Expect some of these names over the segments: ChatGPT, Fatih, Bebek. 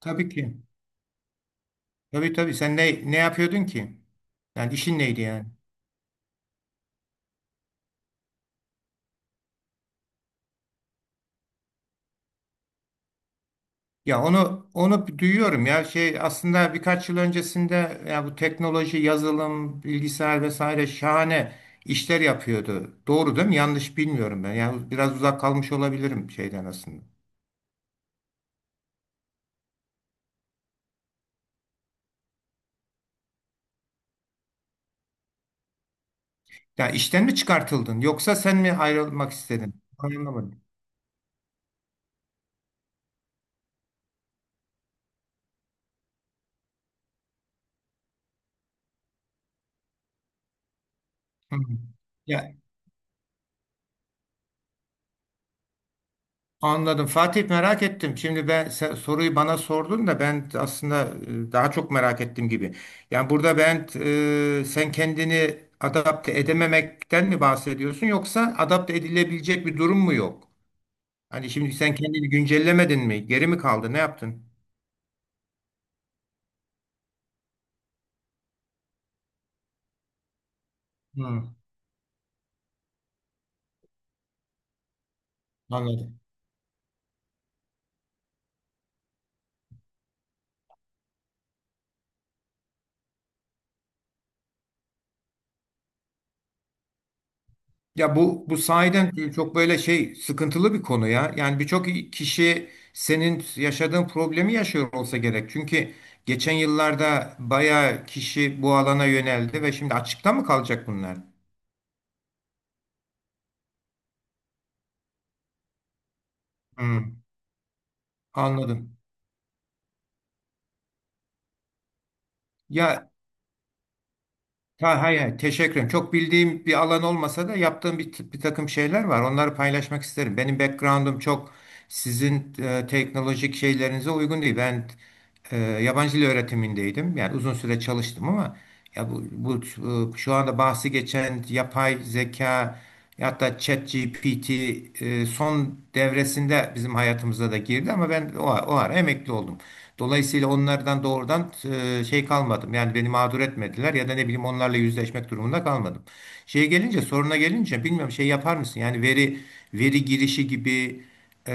Tabii ki. Tabii tabii. Sen ne yapıyordun ki? Yani işin neydi yani? Ya onu duyuyorum, ya şey aslında birkaç yıl öncesinde ya bu teknoloji, yazılım, bilgisayar vesaire şahane işler yapıyordu. Doğru değil mi? Yanlış bilmiyorum ben. Yani biraz uzak kalmış olabilirim şeyden aslında. Ya işten mi çıkartıldın yoksa sen mi ayrılmak istedin? Anlamadım. Hı. Ya, anladım Fatih, merak ettim. Şimdi ben sen soruyu bana sordun da ben aslında daha çok merak ettim gibi. Yani burada ben, sen kendini adapte edememekten mi bahsediyorsun yoksa adapte edilebilecek bir durum mu yok? Hani şimdi sen kendini güncellemedin mi? Geri mi kaldı? Ne yaptın? Hı, anladım. Ya bu sahiden çok böyle şey sıkıntılı bir konu ya. Yani birçok kişi senin yaşadığın problemi yaşıyor olsa gerek. Çünkü geçen yıllarda bayağı kişi bu alana yöneldi ve şimdi açıkta mı kalacak bunlar? Hmm, anladım. Ya, ha, hayır, hayır, teşekkür ederim. Çok bildiğim bir alan olmasa da yaptığım bir takım şeyler var. Onları paylaşmak isterim. Benim background'um çok sizin teknolojik şeylerinize uygun değil. Ben yabancı dil öğretimindeydim. Yani uzun süre çalıştım ama ya bu şu anda bahsi geçen yapay zeka, hatta ChatGPT son devresinde bizim hayatımıza da girdi ama ben o ara emekli oldum. Dolayısıyla onlardan doğrudan şey kalmadım. Yani beni mağdur etmediler ya da ne bileyim onlarla yüzleşmek durumunda kalmadım. Şeye gelince, soruna gelince bilmiyorum, şey yapar mısın? Yani veri girişi gibi, e,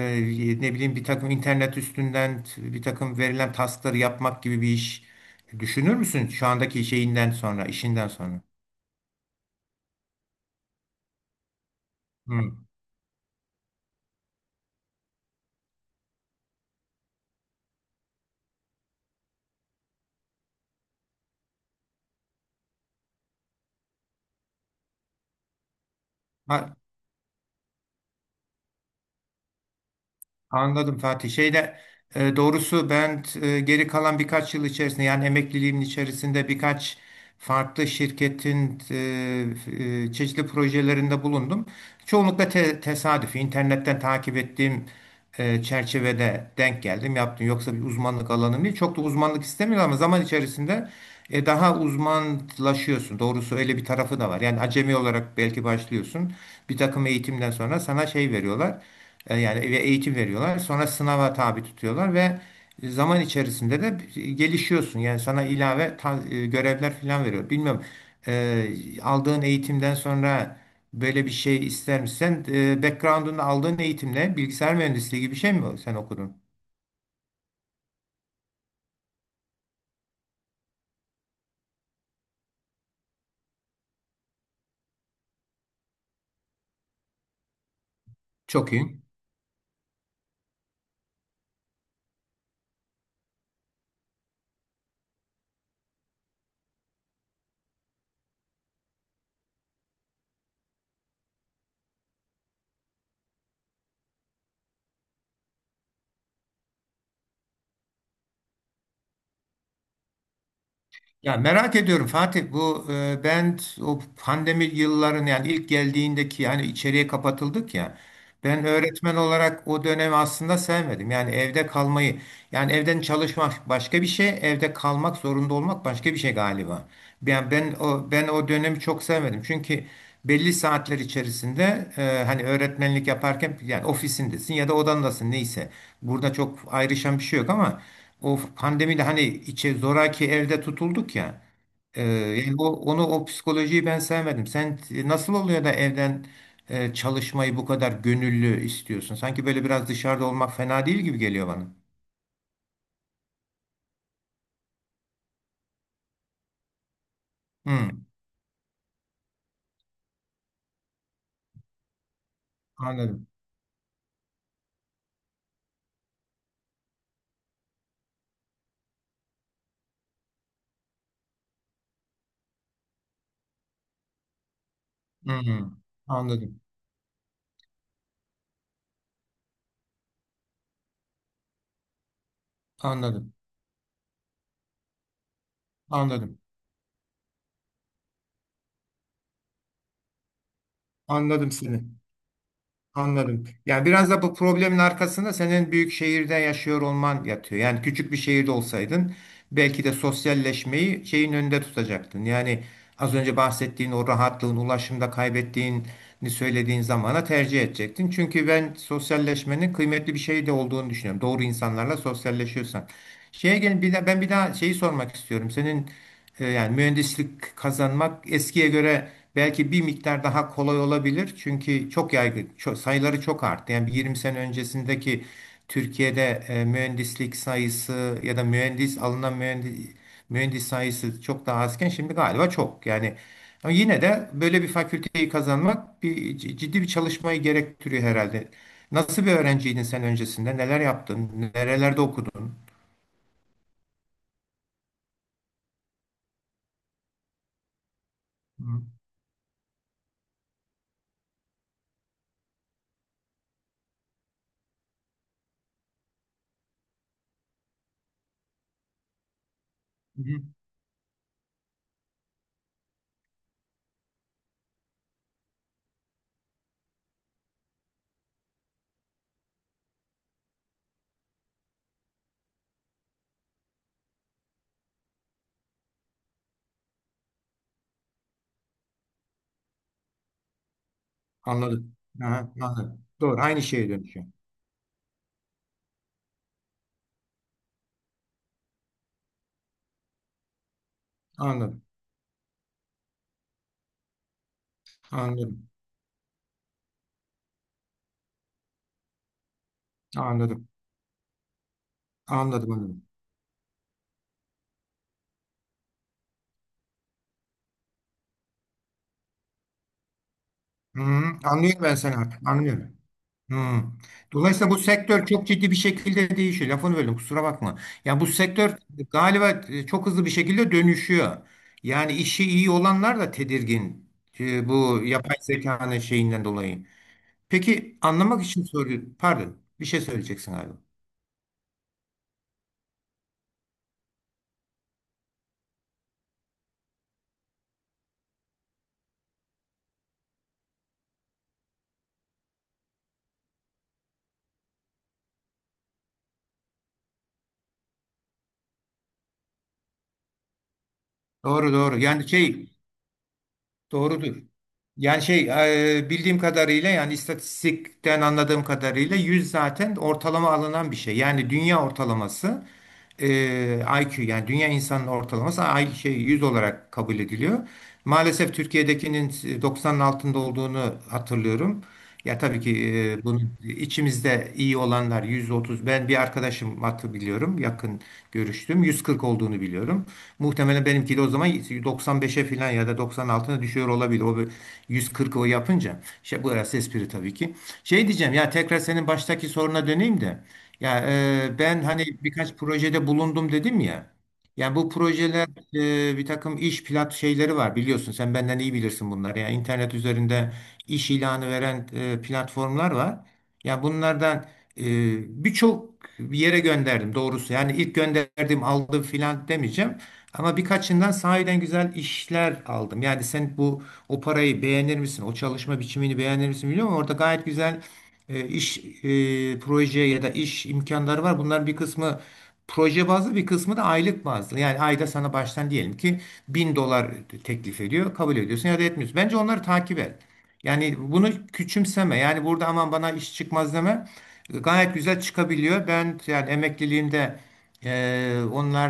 ne bileyim bir takım internet üstünden bir takım verilen taskları yapmak gibi bir iş düşünür müsün şu andaki şeyinden sonra, işinden sonra? Hı. Ha, anladım Fatih. Şeyde, doğrusu ben geri kalan birkaç yıl içerisinde, yani emekliliğimin içerisinde, birkaç farklı şirketin çeşitli projelerinde bulundum. Çoğunlukla tesadüf, internetten takip ettiğim çerçevede denk geldim, yaptım. Yoksa bir uzmanlık alanım değil. Çok da uzmanlık istemiyor ama zaman içerisinde daha uzmanlaşıyorsun. Doğrusu öyle bir tarafı da var. Yani acemi olarak belki başlıyorsun. Bir takım eğitimden sonra sana şey veriyorlar. Yani ve eğitim veriyorlar. Sonra sınava tabi tutuyorlar ve zaman içerisinde de gelişiyorsun. Yani sana ilave görevler falan veriyor. Bilmiyorum. e, Aldığın eğitimden sonra böyle bir şey ister misin? Sen, background'unda aldığın eğitimle bilgisayar mühendisliği gibi bir şey mi sen okudun? Çok iyi. Ya merak ediyorum Fatih, bu ben o pandemi yılların, yani ilk geldiğindeki, yani içeriye kapatıldık ya, ben öğretmen olarak o dönemi aslında sevmedim. Yani evde kalmayı, yani evden çalışmak başka bir şey, evde kalmak zorunda olmak başka bir şey galiba. Yani ben o, ben o dönemi çok sevmedim çünkü belli saatler içerisinde, hani öğretmenlik yaparken yani ofisindesin ya da odandasın neyse, burada çok ayrışan bir şey yok ama o pandemide hani içe zoraki evde tutulduk ya. Yani o, onu, o psikolojiyi ben sevmedim. Sen, nasıl oluyor da evden çalışmayı bu kadar gönüllü istiyorsun? Sanki böyle biraz dışarıda olmak fena değil gibi geliyor bana. Hmm, anladım. Hmm, anladım. Anladım. Anladım. Anladım seni. Anladım. Yani biraz da bu problemin arkasında senin büyük şehirde yaşıyor olman yatıyor. Yani küçük bir şehirde olsaydın belki de sosyalleşmeyi şeyin önünde tutacaktın. Yani az önce bahsettiğin o rahatlığın, ulaşımda kaybettiğin, hani söylediğin zamana tercih edecektin. Çünkü ben sosyalleşmenin kıymetli bir şey de olduğunu düşünüyorum. Doğru insanlarla sosyalleşiyorsan. Şeye gelin bir daha, ben bir daha şeyi sormak istiyorum. Senin, yani mühendislik kazanmak eskiye göre belki bir miktar daha kolay olabilir. Çünkü çok yaygın, çok, sayıları çok arttı. Yani bir 20 sene öncesindeki Türkiye'de, mühendislik sayısı ya da mühendis, alınan mühendis sayısı çok daha azken şimdi galiba çok. Yani ama yine de böyle bir fakülteyi kazanmak, bir ciddi bir çalışmayı gerektiriyor herhalde. Nasıl bir öğrenciydin sen öncesinde? Neler yaptın? Nerelerde okudun? Hı hı. Anladım. Aha, anladım. Doğru. Aynı şeye dönüşüyor. Anladım. Anladım. Anladım. Anladım. Anladım. Hı, anlıyorum ben seni artık. Anlıyorum. Hmm. Dolayısıyla bu sektör çok ciddi bir şekilde değişiyor. Lafını böldüm, kusura bakma. Yani bu sektör galiba çok hızlı bir şekilde dönüşüyor. Yani işi iyi olanlar da tedirgin bu yapay zekanın şeyinden dolayı. Peki anlamak için soruyorum. Pardon, bir şey söyleyeceksin galiba. Doğru, doğru. Yani şey, doğrudur. Yani şey, bildiğim kadarıyla, yani istatistikten anladığım kadarıyla 100 zaten ortalama alınan bir şey. Yani dünya ortalaması, IQ, yani dünya insanının ortalaması şey 100 olarak kabul ediliyor. Maalesef Türkiye'dekinin 90'ın altında olduğunu hatırlıyorum. Ya tabii ki, bunun içimizde iyi olanlar 130. Ben bir arkadaşım hattı biliyorum. Yakın görüştüm. 140 olduğunu biliyorum. Muhtemelen benimki de o zaman 95'e falan ya da 96'na düşüyor olabilir. O bir 140 o yapınca. Şey, bu arası espri tabii ki. Şey diyeceğim, ya tekrar senin baştaki soruna döneyim de. Ya, ben hani birkaç projede bulundum dedim ya. Yani bu projeler, bir takım iş plat şeyleri var, biliyorsun, sen benden iyi bilirsin bunları. Yani internet üzerinde iş ilanı veren platformlar var. Ya bunlardan, e, birçok bir yere gönderdim doğrusu. Yani ilk gönderdim aldım filan demeyeceğim. Ama birkaçından sahiden güzel işler aldım. Yani sen bu, o parayı beğenir misin? O çalışma biçimini beğenir misin bilmiyorum, ama orada gayet güzel iş, proje ya da iş imkanları var. Bunların bir kısmı proje bazlı, bir kısmı da aylık bazlı. Yani ayda sana baştan diyelim ki $1.000 teklif ediyor. Kabul ediyorsun ya da etmiyorsun. Bence onları takip et. Yani bunu küçümseme. Yani burada aman bana iş çıkmaz deme. Gayet güzel çıkabiliyor. Ben yani emekliliğimde onlar,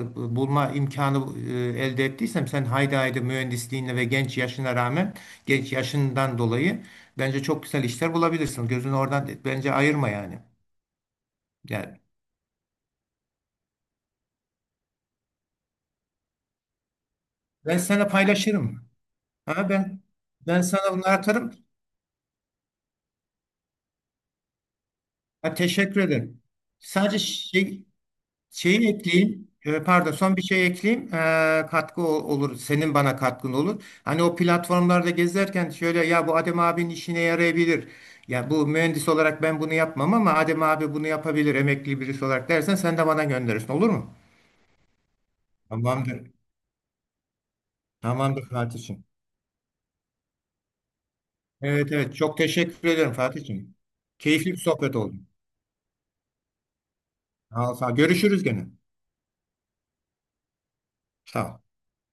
bulma imkanı elde ettiysem sen haydi haydi mühendisliğine ve genç yaşına rağmen, genç yaşından dolayı bence çok güzel işler bulabilirsin. Gözünü oradan bence ayırma yani. Yani ben sana paylaşırım. Ha, ben ben sana bunları atarım. Ha, teşekkür ederim. Sadece şey, şeyi ekleyeyim. Pardon, son bir şey ekleyeyim. Katkı olur. Senin bana katkın olur. Hani o platformlarda gezerken, şöyle, ya bu Adem abinin işine yarayabilir. Ya bu mühendis olarak ben bunu yapmam ama Adem abi bunu yapabilir emekli birisi olarak dersen, sen de bana gönderirsin, olur mu? Tamamdır. Tamamdır Fatih'im. Evet, evet, çok teşekkür ederim Fatih'im. Keyifli bir sohbet oldu. Sağ ol, sağ ol. Görüşürüz gene. Sağ ol.